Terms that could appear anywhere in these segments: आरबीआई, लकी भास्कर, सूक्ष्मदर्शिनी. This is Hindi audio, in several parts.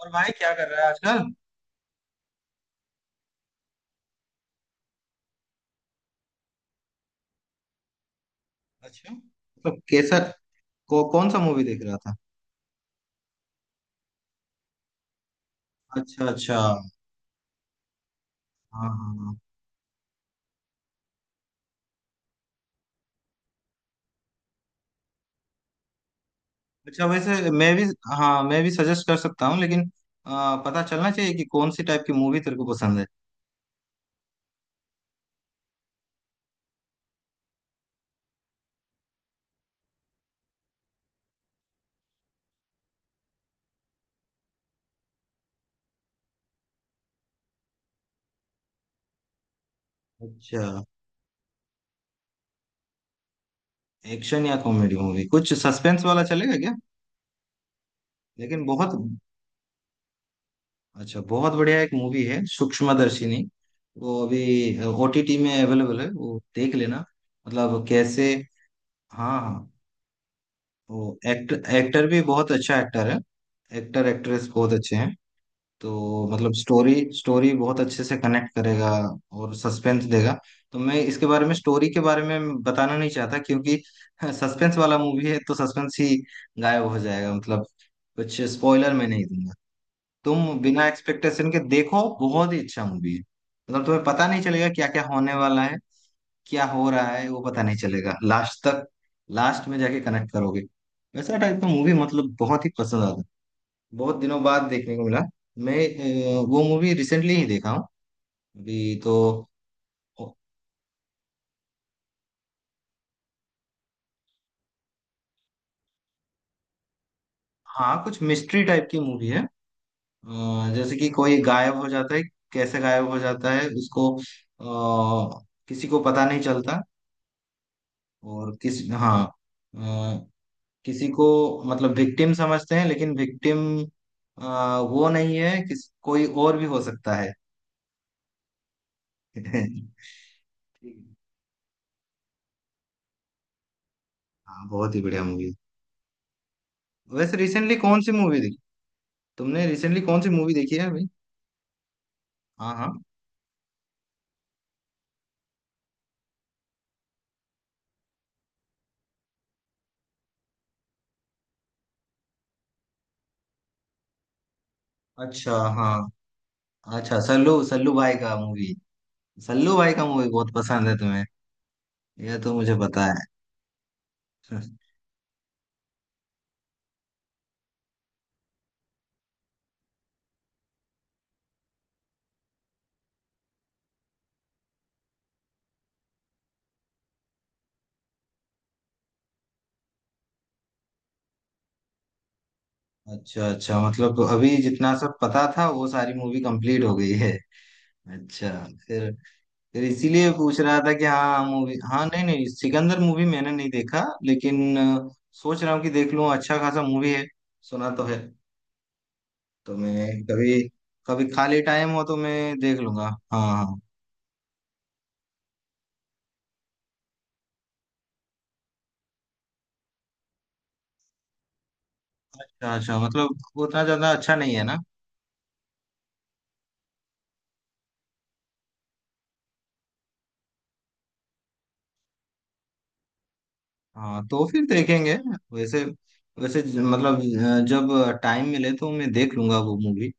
और भाई क्या कर रहा है आजकल? अच्छा। मतलब कैसा? कौन सा मूवी देख रहा था? अच्छा अच्छा। हाँ। हाँ हाँ। अच्छा, वैसे मैं भी। हाँ, मैं भी सजेस्ट कर सकता हूँ, लेकिन पता चलना चाहिए कि कौन सी टाइप की मूवी तेरे को पसंद है। अच्छा। एक्शन या कॉमेडी मूवी, कुछ सस्पेंस वाला चलेगा क्या? लेकिन बहुत। अच्छा, बहुत बढ़िया एक मूवी है, सूक्ष्मदर्शिनी। वो अभी ओटीटी में अवेलेबल है, वो देख लेना। मतलब कैसे? हाँ हाँ। वो एक्टर एक्टर भी बहुत अच्छा एक्टर है। एक्टर एक्ट्रेस बहुत अच्छे हैं। तो मतलब स्टोरी स्टोरी बहुत अच्छे से कनेक्ट करेगा। और सस्पेंस देगा। तो मैं इसके बारे में, स्टोरी के बारे में बताना नहीं चाहता क्योंकि सस्पेंस वाला मूवी है, तो सस्पेंस ही गायब हो जाएगा मतलब। कुछ स्पॉइलर मैं नहीं दूंगा। तुम बिना एक्सपेक्टेशन के देखो, बहुत ही अच्छा मूवी है। मतलब तुम्हें पता नहीं चलेगा क्या क्या होने वाला है। क्या हो रहा है वो पता नहीं चलेगा लास्ट तक। लास्ट में जाके कनेक्ट करोगे। वैसा टाइप का मूवी मतलब बहुत ही पसंद आता है। बहुत दिनों बाद देखने को मिला। मैं। वो मूवी रिसेंटली ही देखा हूँ। अभी तो। हाँ, कुछ मिस्ट्री टाइप की मूवी है। जैसे कि कोई गायब हो जाता है। कैसे गायब हो जाता है उसको, किसी को पता नहीं चलता। और किस, हाँ। किसी को। मतलब विक्टिम समझते हैं, लेकिन विक्टिम वो नहीं है, किस कोई और भी हो सकता है। हाँ, बहुत ही बढ़िया मूवी। वैसे रिसेंटली कौन सी मूवी देखी? तुमने रिसेंटली कौन सी मूवी देखी है अभी? हाँ हाँ। अच्छा। हाँ। अच्छा, सल्लू सल्लू भाई का मूवी। सल्लू भाई का मूवी बहुत पसंद है तुम्हें। यह तो मुझे पता है। अच्छा अच्छा, मतलब अभी जितना सब पता था वो सारी मूवी कंप्लीट हो गई है। अच्छा। फिर। इसीलिए पूछ रहा था कि हाँ, मूवी, हाँ, नहीं नहीं, सिकंदर मूवी मैंने नहीं देखा। लेकिन सोच रहा हूँ कि देख लूँ, अच्छा खासा मूवी है। सुना तो है। तो मैं कभी, कभी खाली टाइम हो तो मैं देख लूंगा। हाँ हाँ। अच्छा अच्छा, मतलब उतना ज्यादा अच्छा नहीं है ना? हाँ, तो फिर देखेंगे। वैसे, वैसे मतलब। जब टाइम मिले तो मैं देख लूंगा वो मूवी।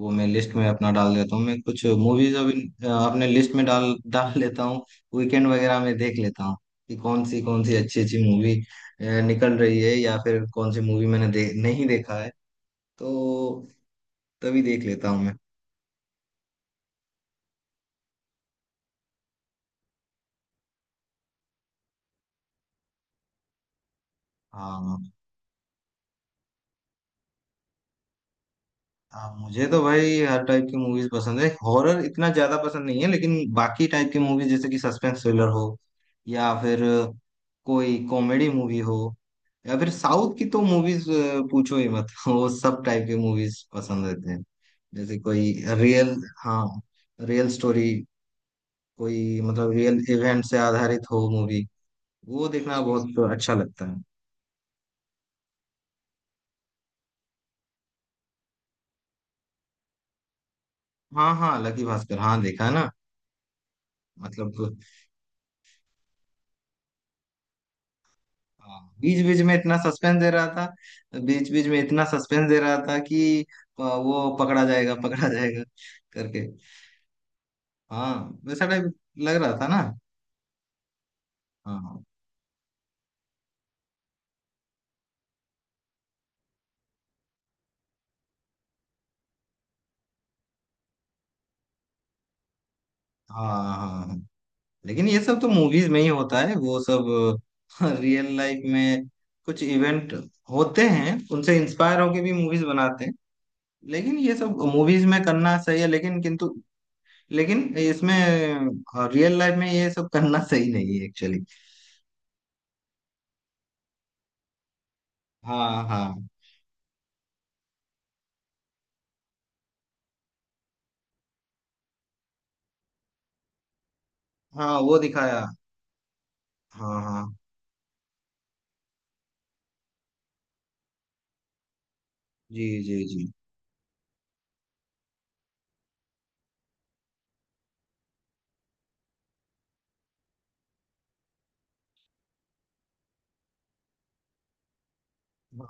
वो मैं लिस्ट में अपना डाल देता हूँ, मैं कुछ मूवीज अभी अपने लिस्ट में डाल डाल लेता हूँ। वीकेंड वगैरह में देख लेता हूँ कि कौन सी अच्छी अच्छी मूवी निकल रही है, या फिर कौन सी मूवी मैंने नहीं देखा है। तो तभी देख लेता हूँ मैं। हाँ हाँ, मुझे तो भाई हर टाइप की मूवीज पसंद है, हॉरर इतना ज्यादा पसंद नहीं है, लेकिन बाकी टाइप की मूवीज जैसे कि सस्पेंस थ्रिलर हो, या फिर कोई कॉमेडी मूवी हो, या फिर साउथ की तो मूवीज पूछो ही मत। वो सब टाइप की मूवीज पसंद रहते हैं। जैसे कोई रियल, हाँ, रियल स्टोरी, कोई मतलब रियल इवेंट से आधारित हो मूवी, वो देखना बहुत अच्छा लगता है। हाँ हाँ, लकी भास्कर, हाँ देखा है ना। मतलब हाँ, बीच बीच में इतना सस्पेंस दे रहा था, बीच बीच में इतना सस्पेंस दे रहा था कि वो पकड़ा जाएगा पकड़ा जाएगा करके। हाँ। वैसा टाइप लग रहा था ना। हाँ हाँ हाँ हाँ। लेकिन ये सब तो मूवीज में ही होता है वो सब। रियल लाइफ में कुछ इवेंट होते हैं, उनसे इंस्पायर होके भी मूवीज बनाते हैं। लेकिन ये सब मूवीज में करना सही है, लेकिन किंतु लेकिन इसमें रियल लाइफ में ये सब करना सही नहीं है एक्चुअली। हाँ हाँ, हाँ वो दिखाया, हाँ हाँ जी जी जी।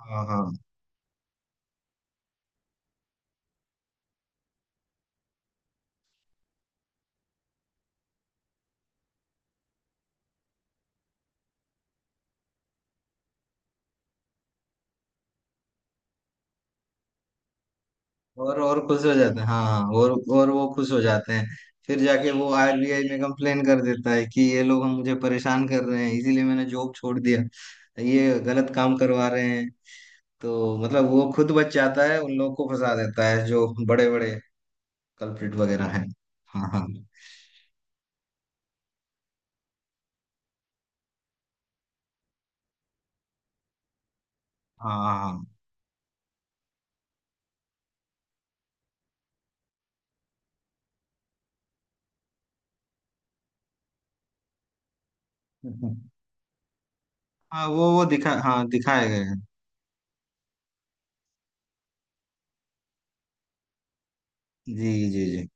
हाँ हाँ। और खुश हो जाते हैं, हाँ हाँ, और वो खुश हो जाते हैं। फिर जाके वो आरबीआई में कंप्लेन कर देता है कि ये लोग हम मुझे परेशान कर रहे हैं, इसीलिए मैंने जॉब छोड़ दिया, ये गलत काम करवा रहे हैं। तो मतलब वो खुद बच जाता है, उन लोग को फंसा देता है, जो बड़े बड़े कल्प्रिट वगैरह हैं। हाँ हाँ हाँ हाँ हाँ, वो दिखा, हाँ दिखाए गए हैं। जी जी जी।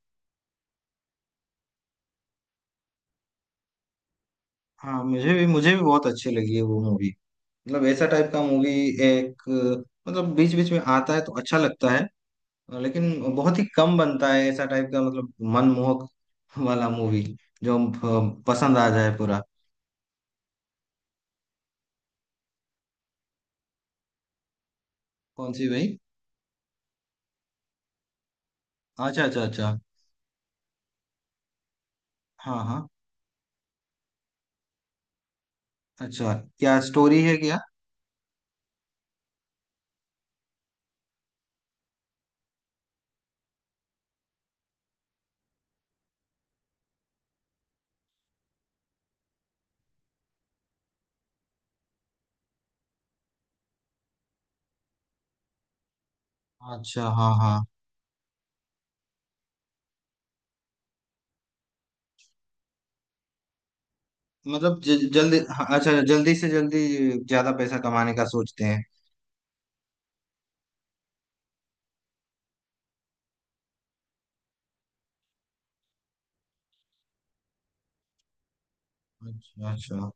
हाँ, मुझे भी बहुत अच्छी लगी है वो मूवी। मतलब ऐसा टाइप का मूवी, एक मतलब बीच बीच में आता है तो अच्छा लगता है। लेकिन बहुत ही कम बनता है ऐसा टाइप का, मतलब मनमोहक वाला मूवी, जो पसंद आ जाए पूरा। कौन सी भाई? अच्छा अच्छा अच्छा। हाँ हाँ। अच्छा, क्या स्टोरी है क्या? अच्छा हाँ हाँ, मतलब जल्दी, हाँ, अच्छा जल्दी से जल्दी ज्यादा पैसा कमाने का सोचते हैं। अच्छा अच्छा।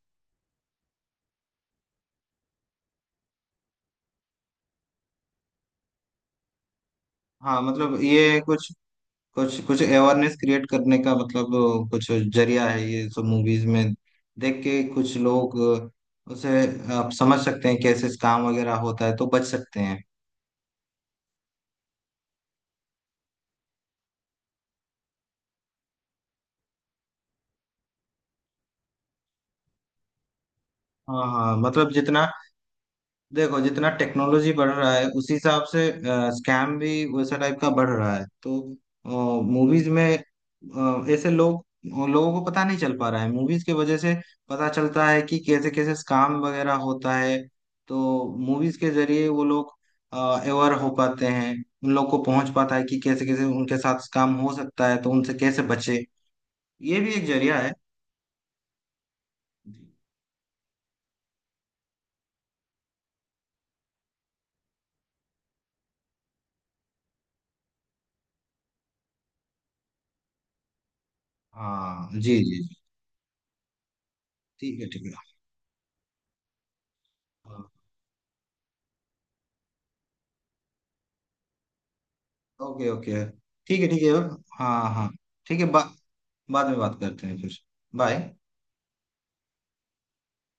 हाँ मतलब ये कुछ कुछ कुछ अवेयरनेस क्रिएट करने का मतलब कुछ जरिया है ये सब मूवीज में। देख के कुछ लोग उसे आप समझ सकते हैं कैसे काम वगैरह होता है तो बच सकते हैं। हाँ हाँ, मतलब जितना, देखो जितना टेक्नोलॉजी बढ़ रहा है उसी हिसाब से स्कैम भी वैसा टाइप का बढ़ रहा है, तो मूवीज में ऐसे लोग, लोगों को पता नहीं चल पा रहा है, मूवीज की वजह से पता चलता है कि कैसे कैसे स्कैम वगैरह होता है। तो मूवीज के जरिए वो लोग अवेयर हो पाते हैं, उन लोग को पहुंच पाता है कि कैसे कैसे उनके साथ स्कैम हो सकता है तो उनसे कैसे बचे। ये भी एक जरिया है। हाँ जी जी जी। ठीक है ठीक है। Okay okay. ठीक है ठीक है। हाँ हाँ। ठीक है, बाद में बात करते हैं फिर। बाय।